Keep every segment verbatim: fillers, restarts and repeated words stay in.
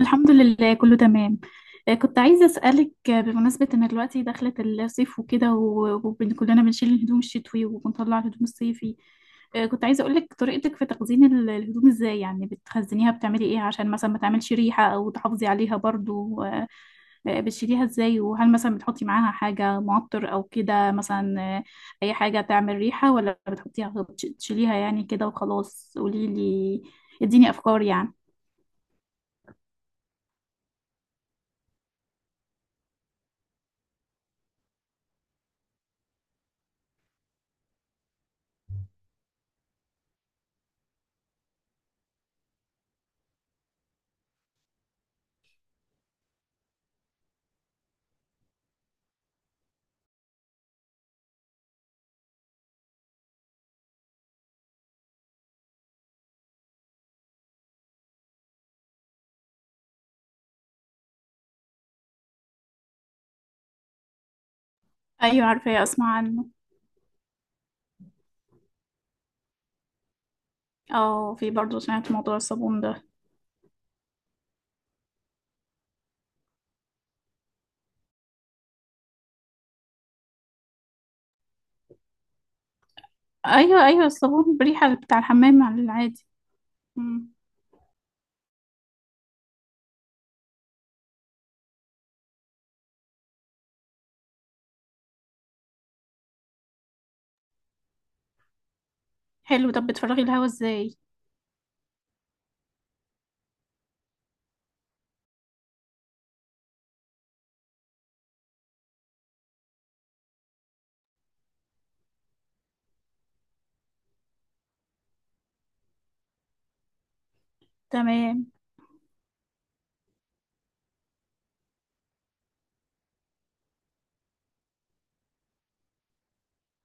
الحمد لله، كله تمام. آه، كنت عايزة أسألك، آه، بمناسبة إن دلوقتي دخلت الصيف وكده، وكلنا بنشيل الهدوم الشتوي وبنطلع الهدوم الصيفي. آه، كنت عايزة أقولك طريقتك في تخزين ال- الهدوم إزاي، يعني بتخزنيها بتعملي إيه عشان مثلا ما تعملش ريحة أو تحافظي عليها برضو؟ آه، آه، بتشيليها إزاي؟ وهل مثلا بتحطي معاها حاجة معطر أو كده مثلا؟ آه، أي حاجة تعمل ريحة؟ ولا بتحطيها بتش- تشيليها يعني كده وخلاص؟ قوليلي، اديني أفكار يعني. أيوة، عارفة، أسمع عنه. اه في برضه سمعت موضوع الصابون ده. ايوه، ايوه، الصابون بريحة بتاع الحمام على العادي. مم. حلو. طب بتفرغي الهوا ازاي؟ تمام.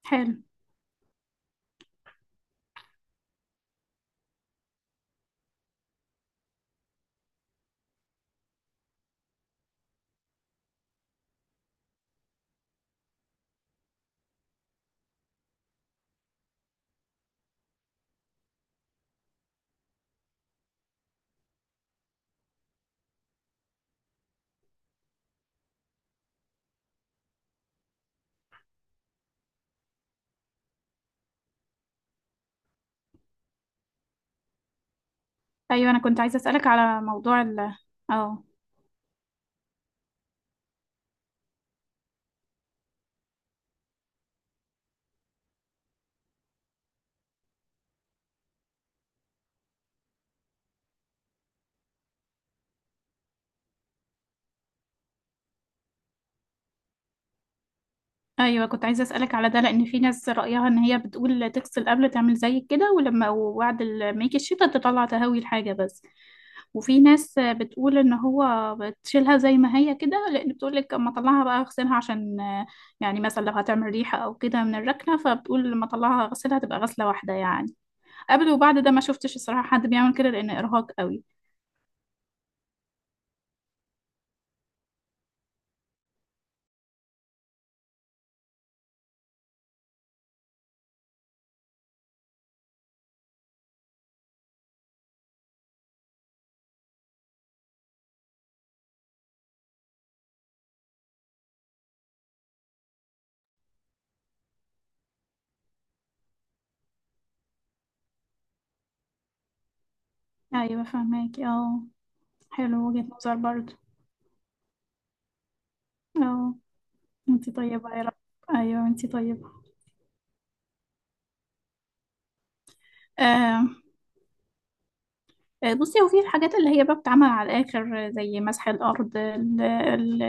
حلو. ايوه، انا كنت عايزة اسألك على موضوع ال اه ايوه، كنت عايزة اسألك على ده، لان في ناس رأيها ان هي بتقول تغسل قبل تعمل زي كده، ولما وبعد ال- ما يجي الشتا تطلع تهوي الحاجة بس. وفي ناس بتقول ان هو بتشيلها زي ما هي كده، لان بتقول لك اما اطلعها بقى اغسلها عشان، آه، يعني مثلا لو هتعمل ريحه او كده من الركنه، فبتقول لما اطلعها اغسلها تبقى غسله واحده، يعني قبل وبعد. ده ما شفتش الصراحه حد بيعمل كده، لان ارهاق قوي. ايوه، فهماكي، اه. حلو، وجهه نظر برضه. اه. انتي طيبه يا رب. ايوه، انتي طيبه. آه. آه، بصي، هو في الحاجات اللي هي بقى بتتعمل على الآخر، آه، زي مسح الأرض، ال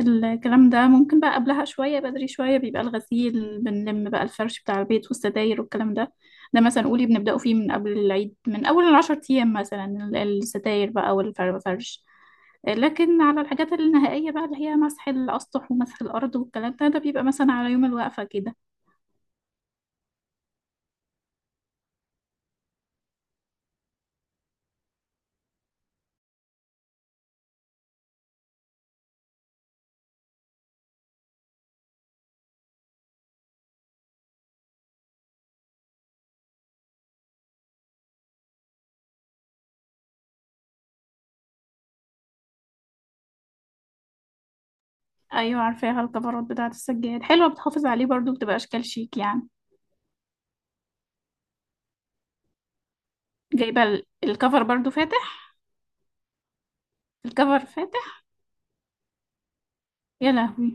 ال الكلام ده ممكن بقى قبلها شوية بدري شوية، بيبقى الغسيل بنلم بقى الفرش بتاع البيت والستاير والكلام ده. ده مثلا قولي بنبدأه فيه من قبل العيد، من أول العشر أيام مثلا، ال- الستاير بقى والفرش. آه، لكن على الحاجات النهائية بقى، اللي هي مسح الأسطح ومسح الأرض والكلام ده، ده بيبقى مثلا على يوم الوقفة كده. أيوة، عارفاها، الكفرات بتاعة السجاد حلوة، بتحافظ عليه برضو، بتبقى أشكال شيك يعني. جايبة ال- الكفر برضو فاتح؟ الكفر فاتح؟ يا لهوي.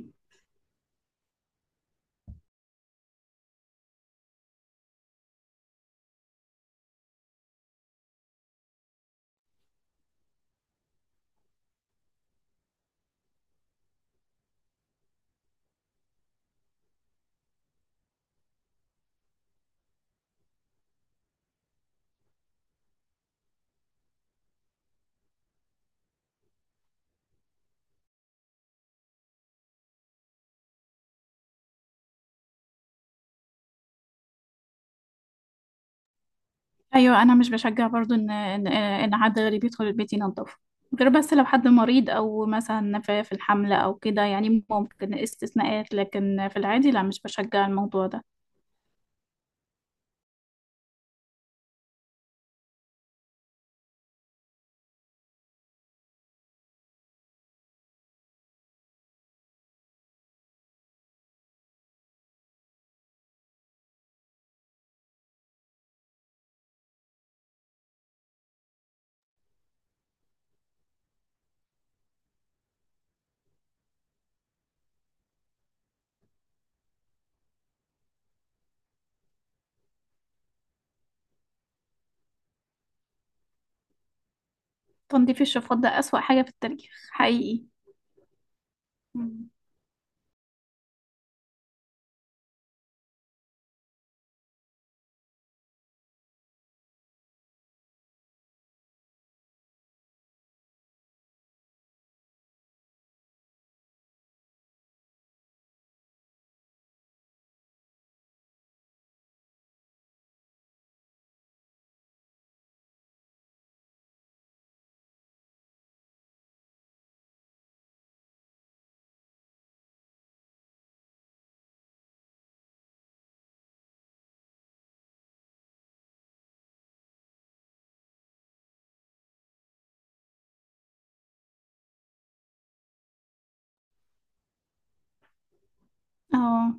أيوة، أنا مش بشجع برضو إن إن إن حد غريب يدخل البيت ينضفه، غير بس لو حد مريض أو مثلا في في الحملة أو كده، يعني ممكن استثناءات، لكن في العادي لا، مش بشجع الموضوع ده. تنظيف الشفاط ده أسوأ حاجة في التاريخ، حقيقي. مم. اه،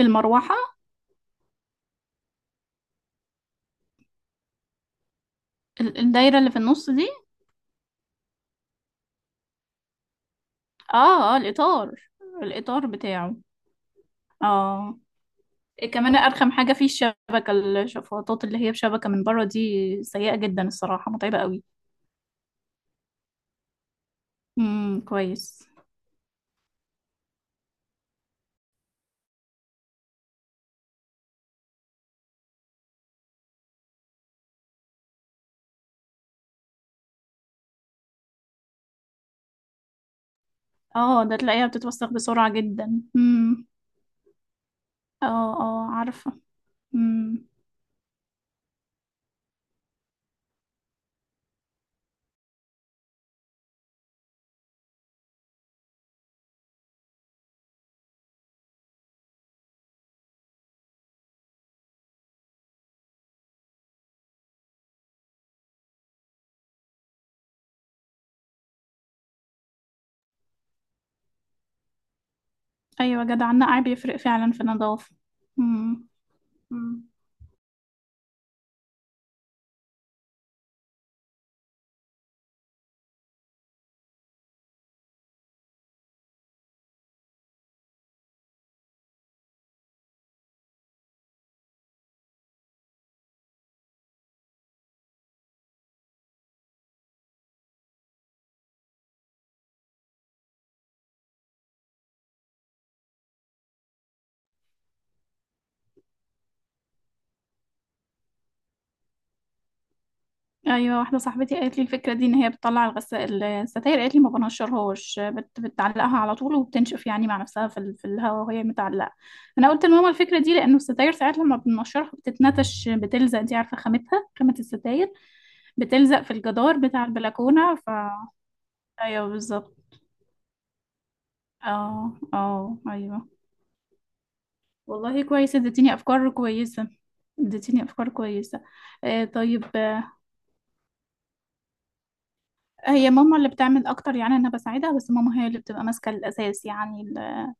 المروحة. ال- الدايرة اللي في النص دي؟ اه، اه، الإطار. الإطار بتاعه. اه. كمان ارخم حاجه فيه الشبكه، الشفاطات اللي هي بشبكه من بره دي سيئه جدا الصراحه، متعبه قوي. امم كويس. اه، ده تلاقيها بتتوسخ بسرعه جدا. امم. اه، اه، عارفه. امم. ايوه، جدع، النقع بيفرق فعلا في النظافه. امم. ايوه، واحده صاحبتي قالت لي الفكره دي، ان هي بتطلع الغسالة الستاير، قالت لي ما بنشرهاش، بت... بتعلقها على طول وبتنشف يعني مع نفسها في, ال... في الهواء وهي متعلقه. انا قلت لماما الفكره دي، لانه الستاير ساعات لما بنشرها بتتنتش، بتلزق، انت عارفه خامتها، خامه الستاير بتلزق في الجدار بتاع البلكونه ف ايوه، بالظبط. اه، اه، ايوه. والله كويس، اديتيني افكار كويسه، اديتيني افكار كويسه. آه، طيب. هي ماما اللي بتعمل اكتر، يعني انا بساعدها بس، ماما هي اللي بتبقى ماسكه الاساس، يعني ال-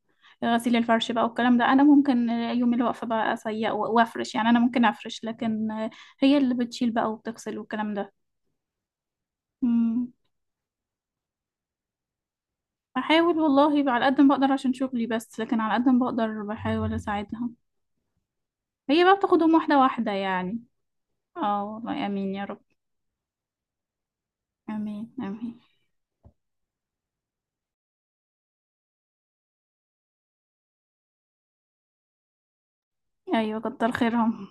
غسيل الفرش بقى والكلام ده، انا ممكن يوم الوقفه بقى اسيق و- وافرش، يعني انا ممكن افرش لكن هي اللي بتشيل بقى وبتغسل والكلام ده. امم. بحاول والله بقى على قد ما بقدر عشان شغلي، بس لكن على قد ما بقدر بحاول اساعدها. هي بقى بتاخدهم واحده واحده يعني. اه، والله امين يا رب. امين، امين. ايوه، كتر خيرهم.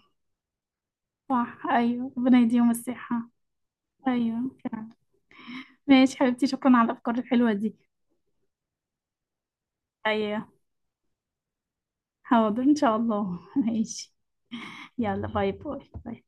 صح، ايوه، ربنا يديهم الصحه. ايوه، فعلا. ماشي حبيبتي، شكرا على الافكار الحلوه دي. ايوه. حاضر ان شاء الله. ماشي. يلا، باي باي باي.